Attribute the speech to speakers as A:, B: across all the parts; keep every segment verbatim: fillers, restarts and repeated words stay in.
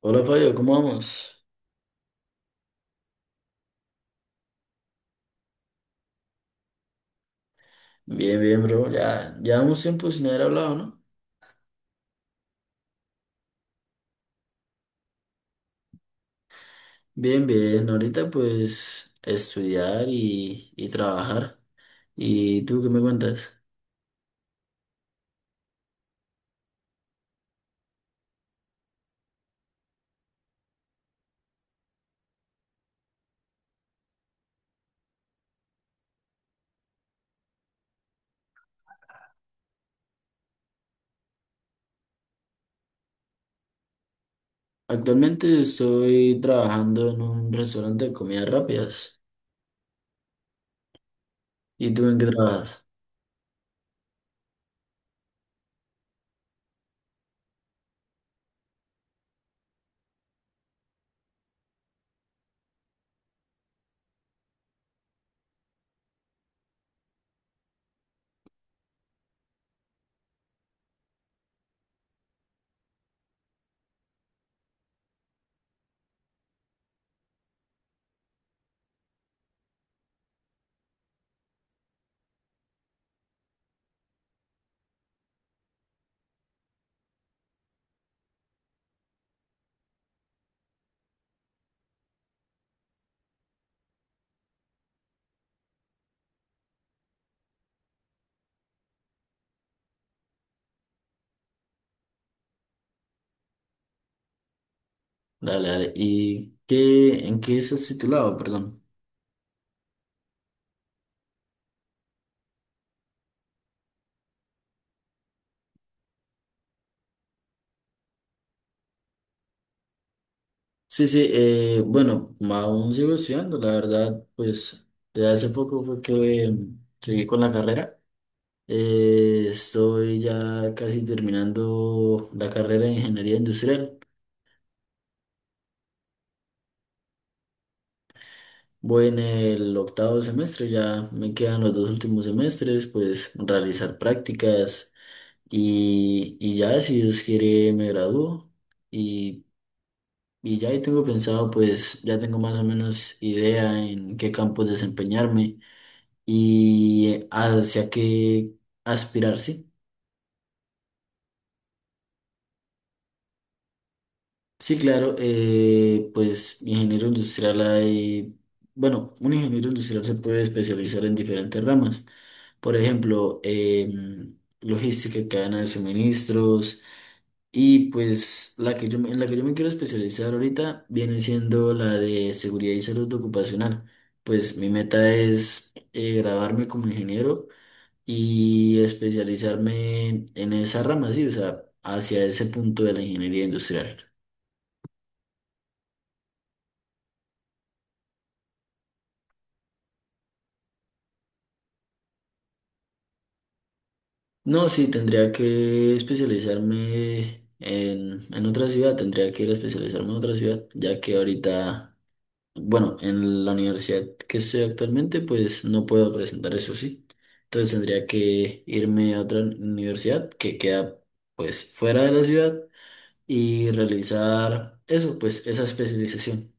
A: Hola Fabio, ¿cómo vamos? Bien, bien, bro. Ya llevamos tiempo sin haber hablado, ¿no? Bien, bien. Ahorita pues estudiar y, y trabajar. ¿Y tú qué me cuentas? Actualmente estoy trabajando en un restaurante de comidas rápidas. ¿Y tú en qué trabajas? Dale, dale. ¿Y qué, en qué estás titulado? Perdón. Sí, sí, eh, bueno, aún sigo estudiando, la verdad, pues de hace poco fue que em, seguí con la carrera. Eh, estoy ya casi terminando la carrera de ingeniería industrial. Voy en el octavo semestre, ya me quedan los dos últimos semestres, pues realizar prácticas y, y ya, si Dios quiere, me gradúo. Y, y ya ahí tengo pensado, pues ya tengo más o menos idea en qué campos desempeñarme y hacia qué aspirar, sí. Sí, claro, eh, pues ingeniero industrial hay, bueno, un ingeniero industrial se puede especializar en diferentes ramas. Por ejemplo, em, logística, cadena de suministros y pues la que yo, me- en la que yo me quiero especializar ahorita viene siendo la de seguridad y salud ocupacional. Pues mi meta es eh, graduarme como ingeniero y especializarme en esa rama, sí, o sea, hacia ese punto de la ingeniería industrial. No, sí, tendría que especializarme en, en otra ciudad, tendría que ir a especializarme en otra ciudad, ya que ahorita, bueno, en la universidad que estoy actualmente, pues no puedo presentar eso, sí. Entonces tendría que irme a otra universidad que queda pues fuera de la ciudad y realizar eso, pues esa especialización.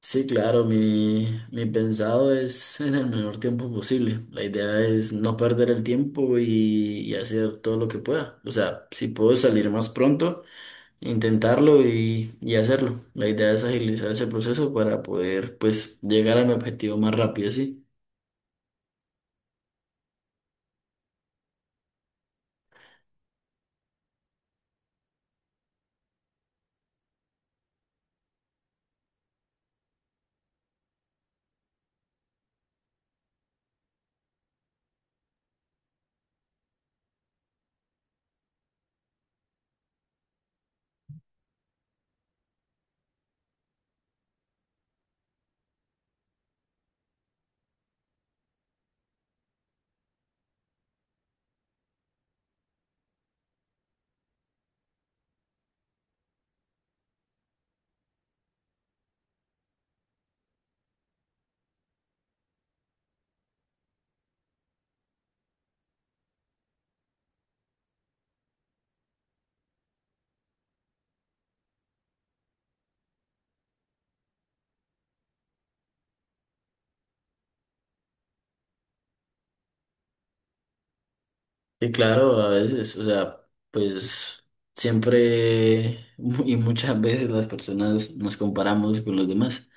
A: Sí, claro, mi, mi pensado es en el menor tiempo posible. La idea es no perder el tiempo y, y hacer todo lo que pueda. O sea, si puedo salir más pronto, intentarlo y, y hacerlo. La idea es agilizar ese proceso para poder, pues, llegar a mi objetivo más rápido, sí. Sí, claro, a veces, o sea, pues siempre mu- y muchas veces las personas nos comparamos con los demás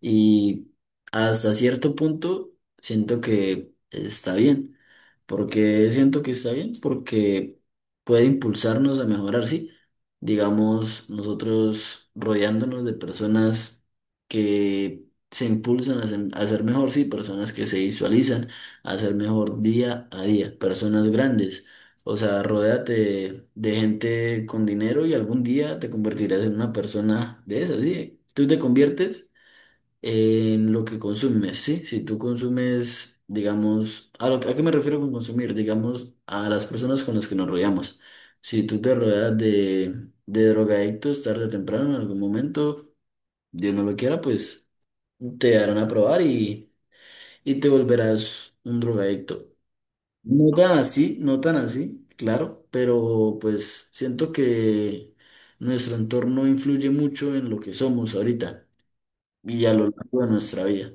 A: y hasta cierto punto siento que está bien porque siento que está bien, porque puede impulsarnos a mejorar, sí. Digamos, nosotros rodeándonos de personas que se impulsan a ser, a ser mejor, sí, personas que se visualizan a ser mejor día a día, personas grandes. O sea, rodéate de gente con dinero y algún día te convertirás en una persona de esas, sí. Tú te conviertes en lo que consumes, ¿sí? Si tú consumes, digamos, ¿a, lo, a qué me refiero con consumir? Digamos, a las personas con las que nos rodeamos. Si tú te rodeas de, de drogadictos tarde o temprano, en algún momento, Dios no lo quiera, pues te darán a probar y, y te volverás un drogadicto. No tan así, no tan así, claro, pero pues siento que nuestro entorno influye mucho en lo que somos ahorita y a lo largo de nuestra vida.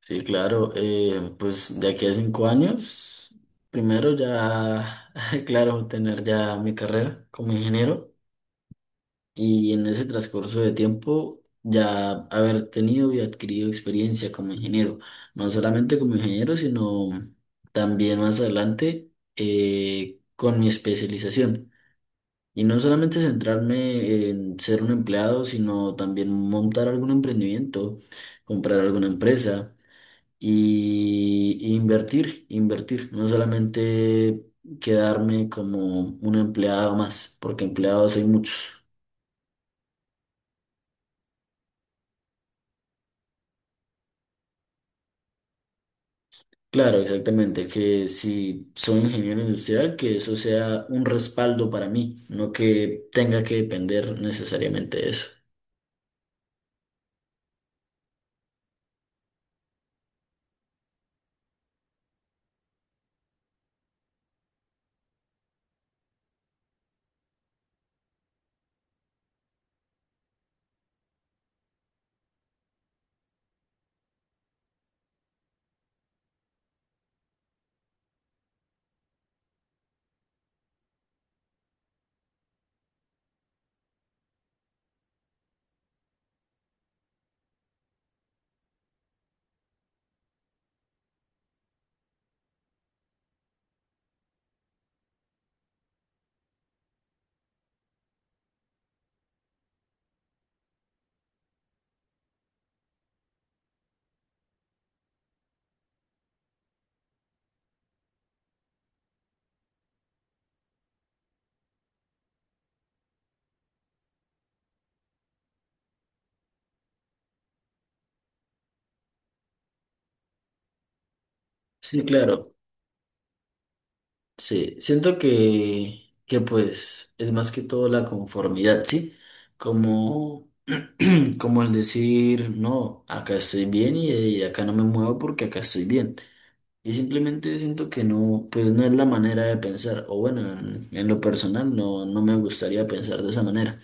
A: Sí, claro, eh, pues de aquí a cinco años, primero ya, claro, tener ya mi carrera como ingeniero y en ese transcurso de tiempo ya haber tenido y adquirido experiencia como ingeniero, no solamente como ingeniero, sino también más adelante eh, con mi especialización. Y no solamente centrarme en ser un empleado, sino también montar algún emprendimiento, comprar alguna empresa y, y invertir, invertir, no solamente quedarme como un empleado más, porque empleados hay muchos. Claro, exactamente, que si soy ingeniero industrial, que eso sea un respaldo para mí, no que tenga que depender necesariamente de eso. Sí, claro, sí, siento que, que pues es más que todo la conformidad, ¿sí? Como, como el decir, no, acá estoy bien y, y acá no me muevo porque acá estoy bien. Y simplemente siento que no, pues no es la manera de pensar, o bueno, en, en lo personal no, no me gustaría pensar de esa manera.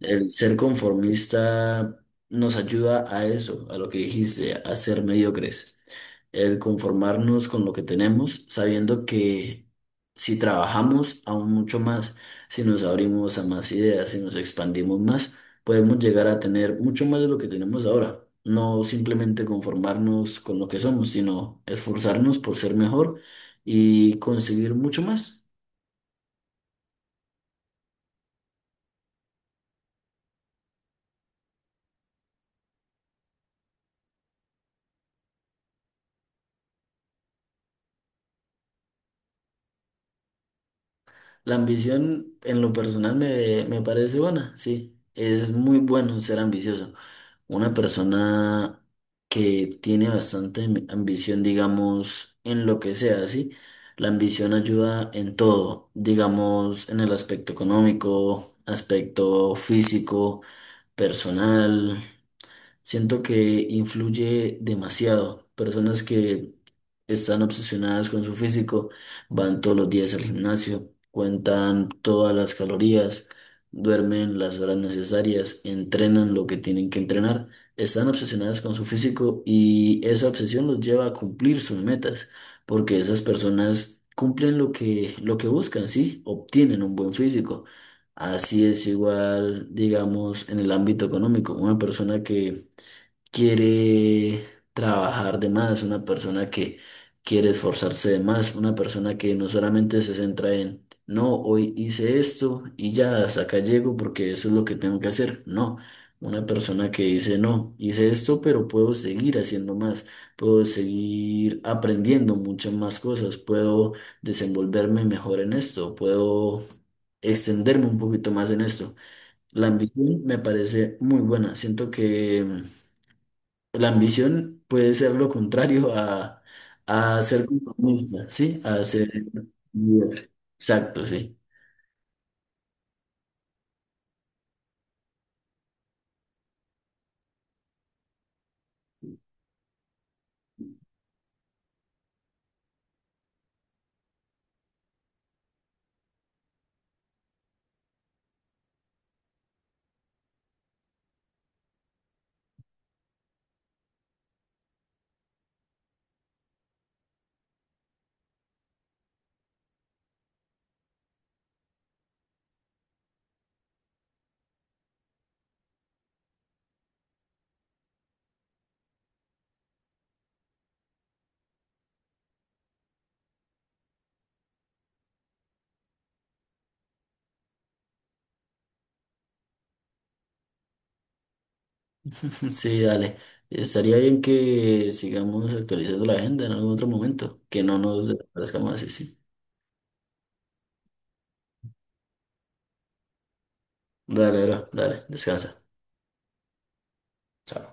A: El ser conformista nos ayuda a eso, a lo que dijiste, a ser mediocres. El conformarnos con lo que tenemos, sabiendo que si trabajamos aún mucho más, si nos abrimos a más ideas, si nos expandimos más, podemos llegar a tener mucho más de lo que tenemos ahora. No simplemente conformarnos con lo que somos, sino esforzarnos por ser mejor y conseguir mucho más. La ambición en lo personal me, me parece buena, sí. Es muy bueno ser ambicioso. Una persona que tiene bastante am- ambición, digamos, en lo que sea, sí. La ambición ayuda en todo, digamos, en el aspecto económico, aspecto físico, personal. Siento que influye demasiado. Personas que están obsesionadas con su físico, van todos los días al gimnasio, cuentan todas las calorías, duermen las horas necesarias, entrenan lo que tienen que entrenar, están obsesionadas con su físico y esa obsesión los lleva a cumplir sus metas, porque esas personas cumplen lo que, lo que buscan, ¿sí? Obtienen un buen físico. Así es igual, digamos, en el ámbito económico. Una persona que quiere trabajar de más, una persona que quiere esforzarse de más, una persona que no solamente se centra en, no, hoy hice esto y ya hasta acá llego porque eso es lo que tengo que hacer. No, una persona que dice, no, hice esto, pero puedo seguir haciendo más, puedo seguir aprendiendo muchas más cosas, puedo desenvolverme mejor en esto, puedo extenderme un poquito más en esto. La ambición me parece muy buena. Siento que la ambición puede ser lo contrario a, a ser conformista, ¿sí? A ser líder. Exacto, sí. Sí, dale. Estaría bien que sigamos actualizando la agenda en algún otro momento, que no nos desaparezcamos así, sí. Dale, bro, dale, descansa. Chao.